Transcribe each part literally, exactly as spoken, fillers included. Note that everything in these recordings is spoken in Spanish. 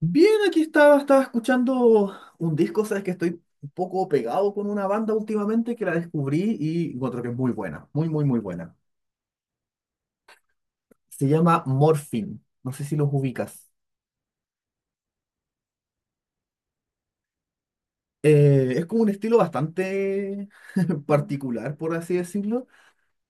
Bien, aquí estaba, estaba escuchando un disco. Sabes que estoy un poco pegado con una banda últimamente que la descubrí y encuentro que es muy buena, muy, muy, muy buena. Se llama Morphine, no sé si los ubicas. Eh, es como un estilo bastante particular, por así decirlo,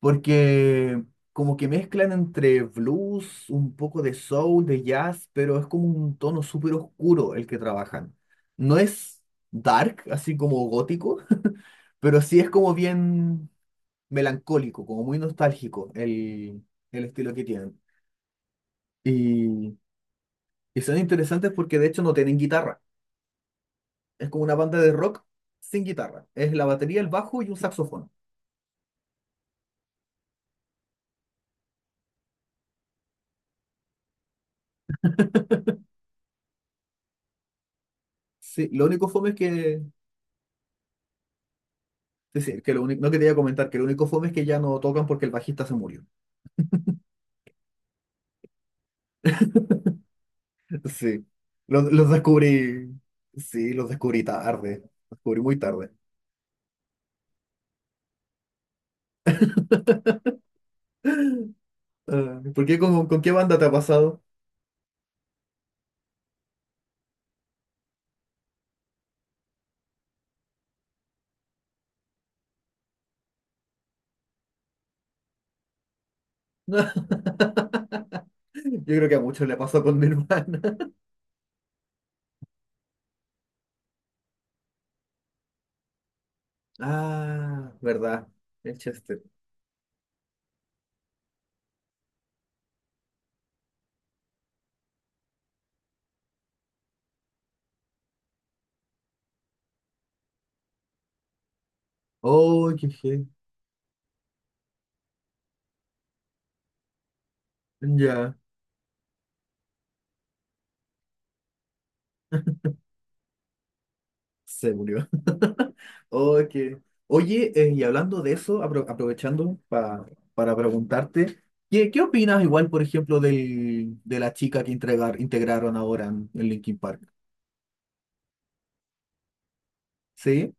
porque como que mezclan entre blues, un poco de soul, de jazz, pero es como un tono súper oscuro el que trabajan. No es dark, así como gótico, pero sí es como bien melancólico, como muy nostálgico el, el estilo que tienen. Y, y son interesantes porque de hecho no tienen guitarra. Es como una banda de rock sin guitarra. Es la batería, el bajo y un saxofón. Sí, lo único fome es que... sí, sí, que lo único, no quería comentar, que lo único fome es que ya no tocan porque el bajista se murió. Sí, los, los descubrí... sí, los descubrí tarde. Los descubrí muy tarde. Ah, ¿por qué? ¿Con, con qué banda te ha pasado? Yo creo que a muchos le pasó con mi hermana. Ah, verdad. El Chester. Oh, qué fe. Ya, se murió. Oh, qué- Oye, eh, y hablando de eso, apro- aprovechando pa- para preguntarte, ¿qué, qué opinas igual, por ejemplo, del, de la chica que entregar, integraron ahora en, en Linkin Park? ¿Sí?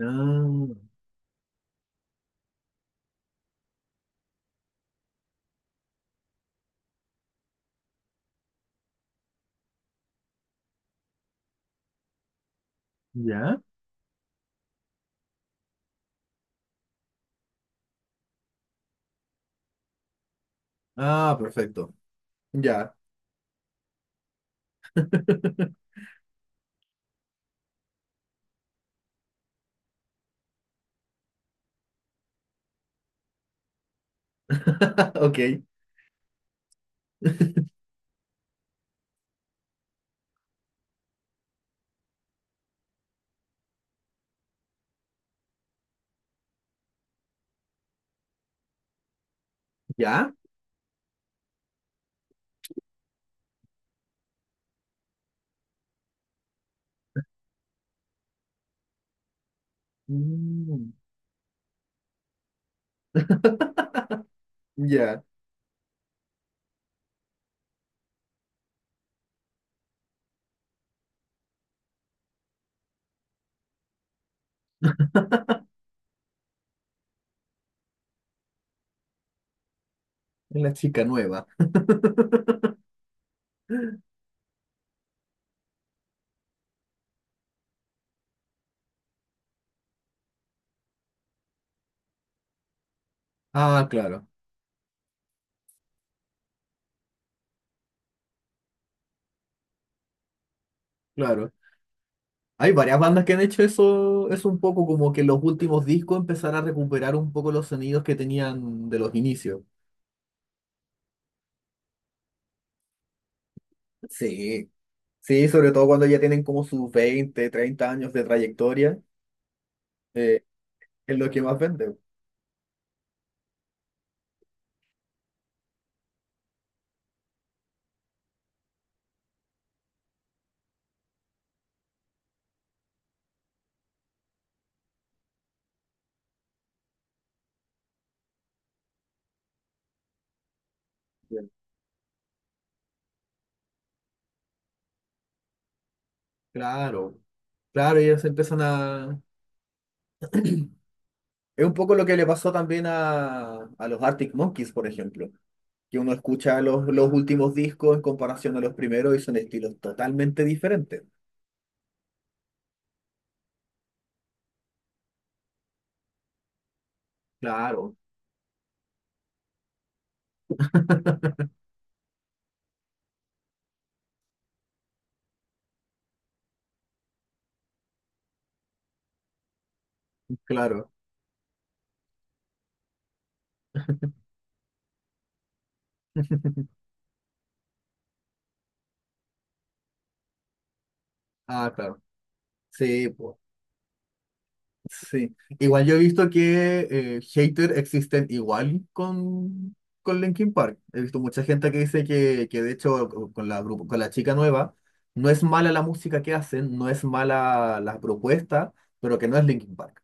Ah, ¿ya? Ah, perfecto. Ya. Ok. ¿Ya? Mm, ya. Es la chica nueva. Ah, claro, claro. Hay varias bandas que han hecho eso, es un poco como que los últimos discos empezar a recuperar un poco los sonidos que tenían de los inicios. Sí, sí, sobre todo cuando ya tienen como sus veinte treinta años de trayectoria, eh, es lo que más vende. Bien. Claro, claro, ellos empiezan a... Es un poco lo que le pasó también a, a los Arctic Monkeys, por ejemplo, que uno escucha los, los últimos discos en comparación a los primeros y son estilos totalmente diferentes. Claro, claro. Ah, claro. Sí, po, sí. Igual yo he visto que eh, haters existen igual con, con Linkin Park. He visto mucha gente que dice que, que de hecho co- con la, grupo- con la chica nueva no es mala la música que hacen, no es mala la propuesta, pero que no es Linkin Park.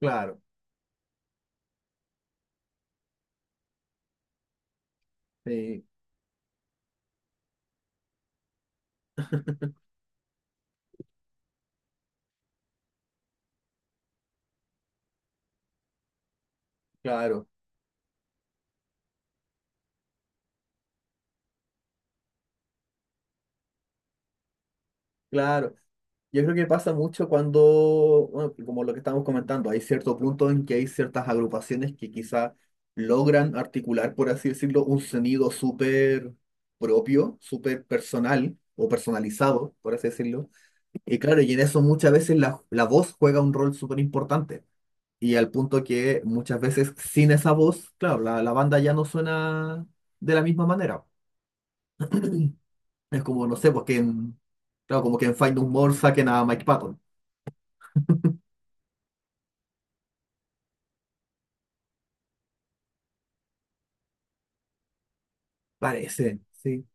Claro, sí, claro. Claro, yo creo que pasa mucho cuando, bueno, como lo que estamos comentando, hay cierto punto en que hay ciertas agrupaciones que quizá logran articular, por así decirlo, un sonido súper propio, súper personal o personalizado, por así decirlo. Y claro, y en eso muchas veces la, la voz juega un rol súper importante. Y al punto que muchas veces sin esa voz, claro, la, la banda ya no suena de la misma manera. Es como, no sé, porque en, claro, como que en Find More saquen a Mike Patton. Parece, sí,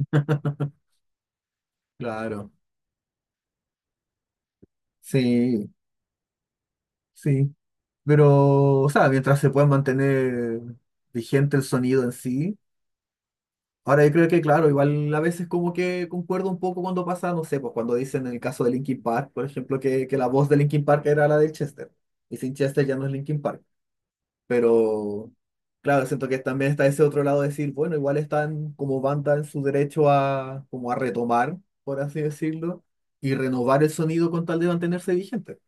claro. Sí, sí. Pero, o sea, mientras se pueda mantener vigente el sonido en sí. Ahora yo creo que, claro, igual a veces como que concuerdo un poco cuando pasa, no sé, pues cuando dicen en el caso de Linkin Park, por ejemplo, que, que la voz de Linkin Park era la de Chester. Y sin Chester ya no es Linkin Park. Pero claro, siento que también está ese otro lado de decir, bueno, igual están como banda en su derecho a, como a retomar, por así decirlo, y renovar el sonido con tal de mantenerse vigente.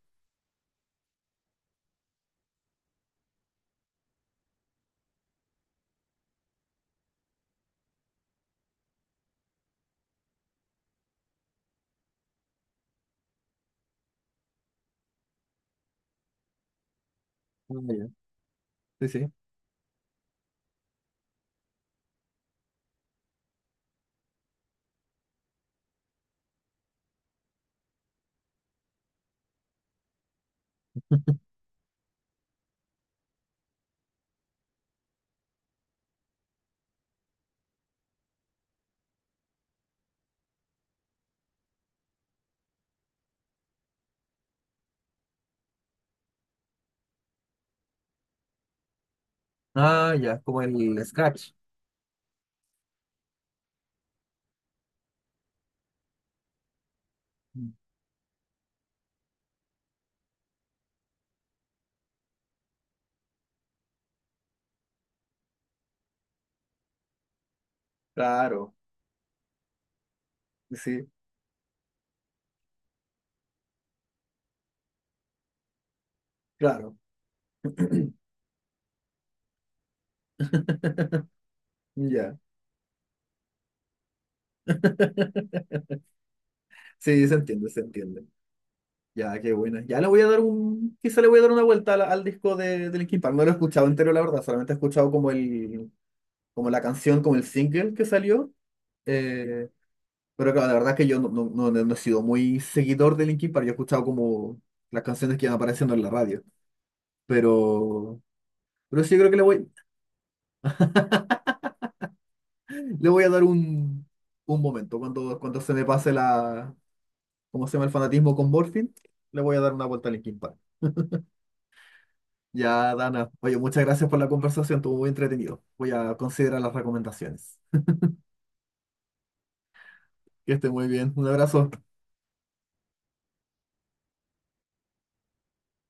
Ah, ya. Sí, sí. Ah, ya, como el scratch. Mm. Claro, sí, claro. Ya. Sí, se entiende, se entiende. Ya, qué buena. Ya le voy a dar un. Quizá le voy a dar una vuelta al, al disco de, de Linkin Park. No lo he escuchado entero, la verdad. Solamente he escuchado como el, como la canción, como el single que salió. eh, pero claro, la verdad es que yo no, no, no- no no he sido muy seguidor de Linkin Park, yo he escuchado como las canciones que iban apareciendo en la radio. Pero, pero sí, creo que le voy, le voy a dar un, un momento. Cuando, cuando se me pase la, ¿cómo se llama? El fanatismo con Morphine, le voy a dar una vuelta a Linkin Park. Ya, Dana, oye, muchas gracias por la conversación, estuvo muy entretenido. Voy a considerar las recomendaciones. Que esté muy bien. Un abrazo.